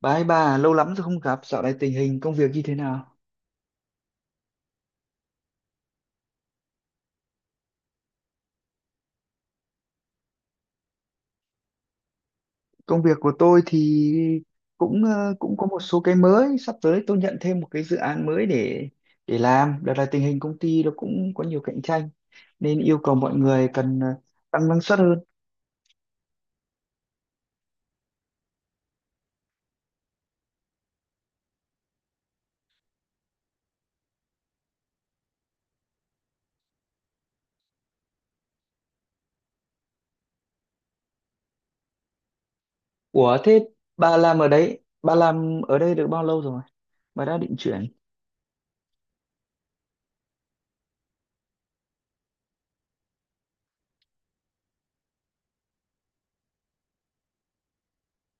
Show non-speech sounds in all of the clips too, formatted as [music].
Bà ơi bà, lâu lắm rồi không gặp, dạo này tình hình công việc như thế nào? Công việc của tôi thì cũng có một số cái mới, sắp tới tôi nhận thêm một cái dự án mới để làm. Đợt này tình hình công ty nó cũng có nhiều cạnh tranh nên yêu cầu mọi người cần tăng năng suất hơn. Ủa thế bà làm ở đây được bao lâu rồi? Bà đã định chuyển.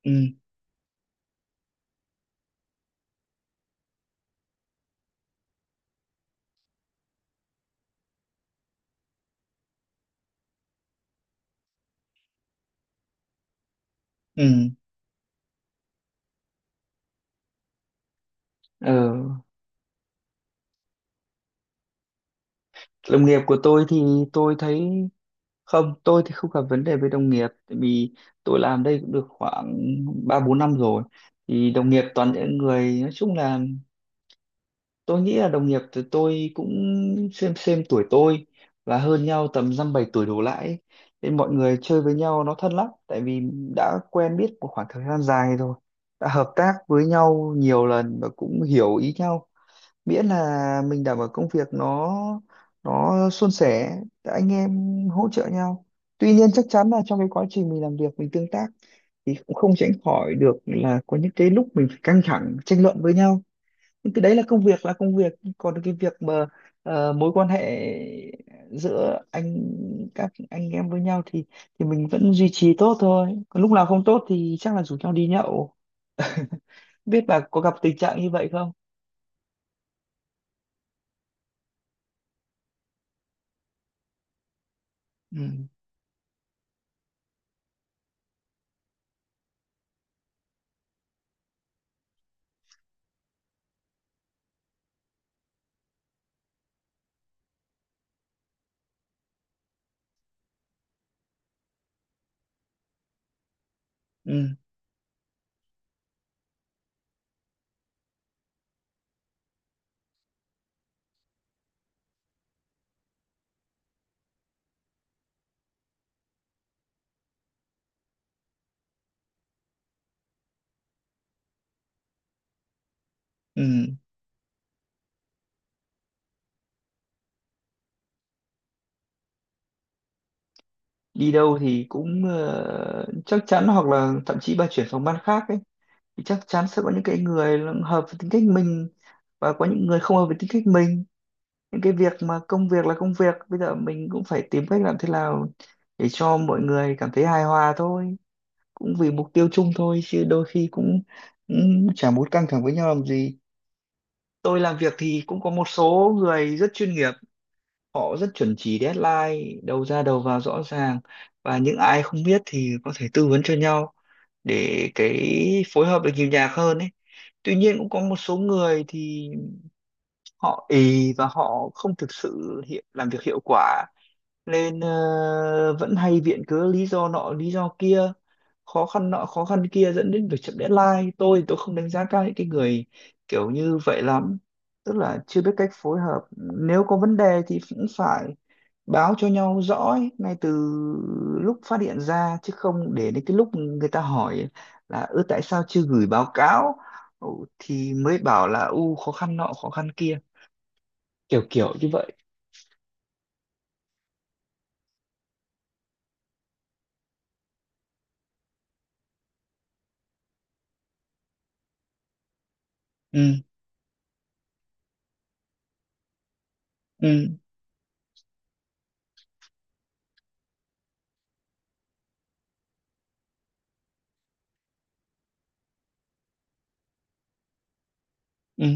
Ừ, ừ, ờ, đồng nghiệp của tôi thì tôi thấy không, tôi thì không gặp vấn đề với đồng nghiệp tại vì tôi làm đây cũng được khoảng 3 4 năm rồi. Thì đồng nghiệp toàn những người nói chung là tôi nghĩ là đồng nghiệp thì tôi cũng xem tuổi tôi và hơn nhau tầm dăm bảy tuổi đổ lại ấy. Nên mọi người chơi với nhau nó thân lắm tại vì đã quen biết một khoảng thời gian dài rồi, đã hợp tác với nhau nhiều lần và cũng hiểu ý nhau, miễn là mình đảm bảo công việc nó suôn sẻ, anh em hỗ trợ nhau. Tuy nhiên chắc chắn là trong cái quá trình mình làm việc mình tương tác thì cũng không tránh khỏi được là có những cái lúc mình phải căng thẳng tranh luận với nhau, nhưng cái đấy là công việc là công việc, còn cái việc mà mối quan hệ giữa các anh em với nhau thì mình vẫn duy trì tốt thôi, còn lúc nào không tốt thì chắc là rủ nhau đi nhậu. [laughs] Biết bà có gặp tình trạng như vậy không? Ừ, ừ, ừ, đi đâu thì cũng chắc chắn, hoặc là thậm chí bà chuyển phòng ban khác ấy thì chắc chắn sẽ có những cái người là hợp với tính cách mình và có những người không hợp với tính cách mình. Những cái việc mà công việc là công việc, bây giờ mình cũng phải tìm cách làm thế nào để cho mọi người cảm thấy hài hòa thôi, cũng vì mục tiêu chung thôi chứ đôi khi cũng chả muốn căng thẳng với nhau làm gì. Tôi làm việc thì cũng có một số người rất chuyên nghiệp, họ rất chuẩn chỉ deadline đầu ra đầu vào rõ ràng, và những ai không biết thì có thể tư vấn cho nhau để cái phối hợp được nhiều nhạc hơn ấy. Tuy nhiên cũng có một số người thì họ ì và họ không thực sự làm việc hiệu quả, nên vẫn hay viện cớ lý do nọ lý do kia, khó khăn nọ khó khăn kia dẫn đến việc chậm deadline. Tôi không đánh giá cao những cái người kiểu như vậy lắm, tức là chưa biết cách phối hợp. Nếu có vấn đề thì cũng phải báo cho nhau rõ ấy, ngay từ lúc phát hiện ra chứ không để đến cái lúc người ta hỏi là ư tại sao chưa gửi báo cáo, ừ, thì mới bảo là u khó khăn nọ khó khăn kia kiểu kiểu như vậy. Ừ, ừ, ừ,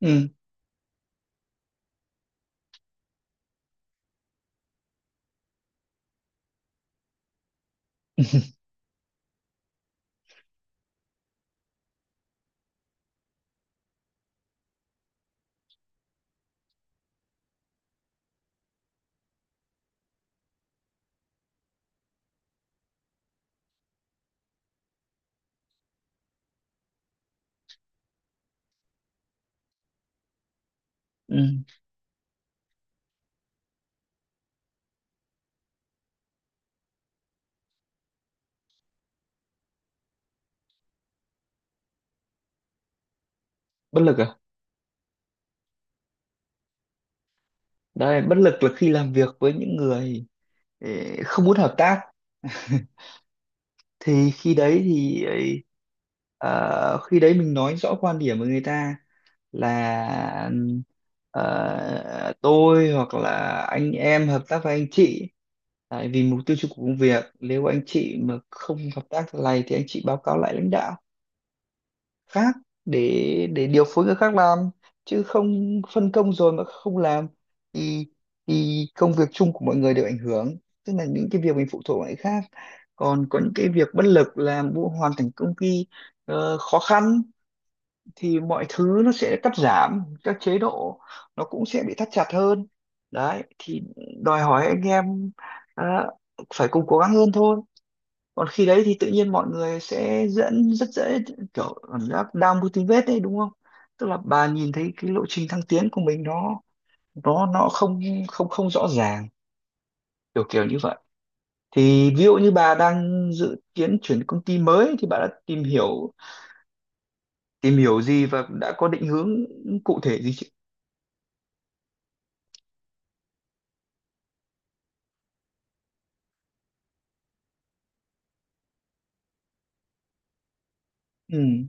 ừ. [laughs] Ừ, bất lực à? Đấy bất lực là khi làm việc với những người ê, không muốn hợp tác. [laughs] Thì khi đấy thì ấy, khi đấy mình nói rõ quan điểm với người ta là tôi hoặc là anh em hợp tác với anh chị tại vì mục tiêu chung của công việc, nếu anh chị mà không hợp tác thế này thì anh chị báo cáo lại lãnh đạo khác để điều phối người khác làm, chứ không phân công rồi mà không làm thì công việc chung của mọi người đều ảnh hưởng, tức là những cái việc mình phụ thuộc vào người khác. Còn có những cái việc bất lực làm vụ hoàn thành công ty khó khăn thì mọi thứ nó sẽ cắt giảm các chế độ, nó cũng sẽ bị thắt chặt hơn. Đấy thì đòi hỏi anh em ờ, phải cùng cố gắng hơn thôi. Còn khi đấy thì tự nhiên mọi người sẽ dẫn rất dễ kiểu cảm giác down motivate đấy đúng không, tức là bà nhìn thấy cái lộ trình thăng tiến của mình nó nó không không không rõ ràng kiểu kiểu như vậy. Thì ví dụ như bà đang dự kiến chuyển công ty mới thì bà đã tìm hiểu gì và đã có định hướng cụ thể gì chứ? Ừ,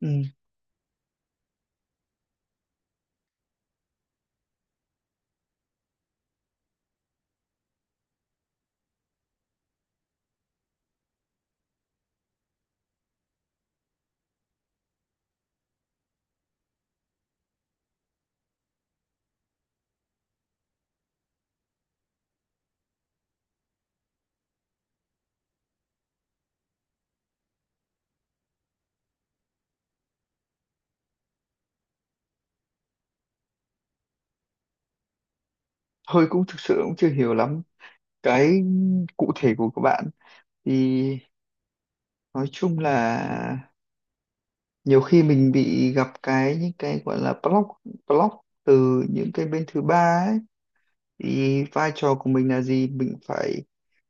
ừ. Thôi cũng thực sự cũng chưa hiểu lắm cái cụ thể của các bạn thì nói chung là nhiều khi mình bị gặp cái những cái gọi là block block từ những cái bên thứ ba ấy, thì vai trò của mình là gì, mình phải,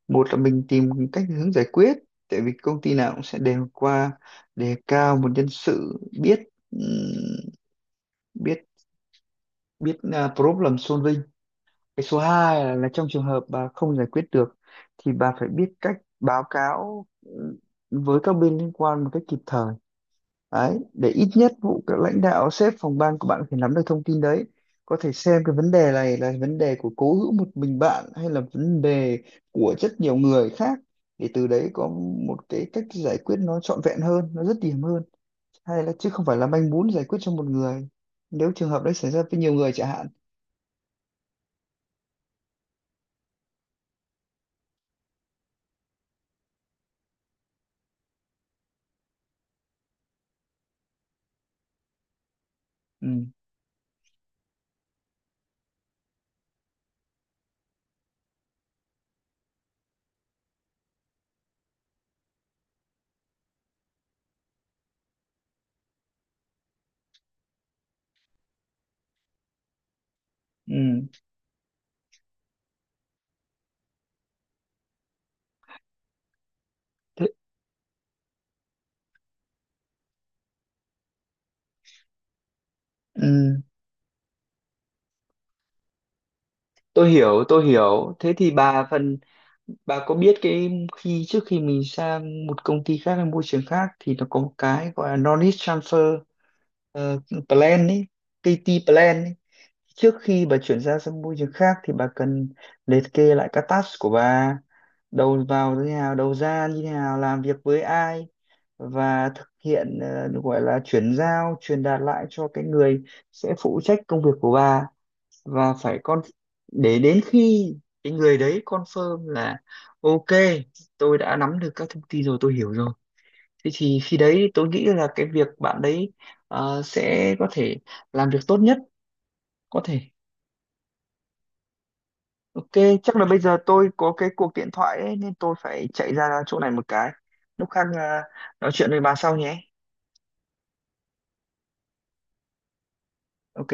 một là mình tìm cách hướng giải quyết, tại vì công ty nào cũng sẽ đều qua đề cao một nhân sự biết ừm, biết biết à, problem solving. Cái số hai là, trong trường hợp bà không giải quyết được thì bà phải biết cách báo cáo ừ, với các bên liên quan một cách kịp thời. Đấy, để ít nhất vụ các lãnh đạo sếp phòng ban của bạn có thể nắm được thông tin đấy. Có thể xem cái vấn đề này là vấn đề của cố hữu một mình bạn hay là vấn đề của rất nhiều người khác, để từ đấy có một cái cách giải quyết nó trọn vẹn hơn, nó dứt điểm hơn. Hay là chứ không phải là manh mún giải quyết cho một người, nếu trường hợp đấy xảy ra với nhiều người chẳng hạn. Ừ, ừ, thế, ừ, tôi hiểu, tôi hiểu. Thế thì bà phần Bà có biết cái, khi trước khi mình sang một công ty khác hay môi trường khác thì nó có một cái gọi là Knowledge Transfer ờ, Plan ấy, KT Plan ấy. Trước khi bà chuyển ra sang môi trường khác thì bà cần liệt kê lại các task của bà, đầu vào như thế nào, đầu ra như thế nào, làm việc với ai và thực hiện ờ, gọi là chuyển giao, truyền đạt lại cho cái người sẽ phụ trách công việc của bà và phải con để đến khi cái người đấy confirm là ok, tôi đã nắm được các thông tin rồi, tôi hiểu rồi, thế thì khi đấy tôi nghĩ là cái việc bạn đấy sẽ có thể làm việc tốt nhất có thể. Ok, chắc là bây giờ tôi có cái cuộc điện thoại ấy, nên tôi phải chạy ra chỗ này một cái, lúc khác nói chuyện với bà sau nhé. Ok.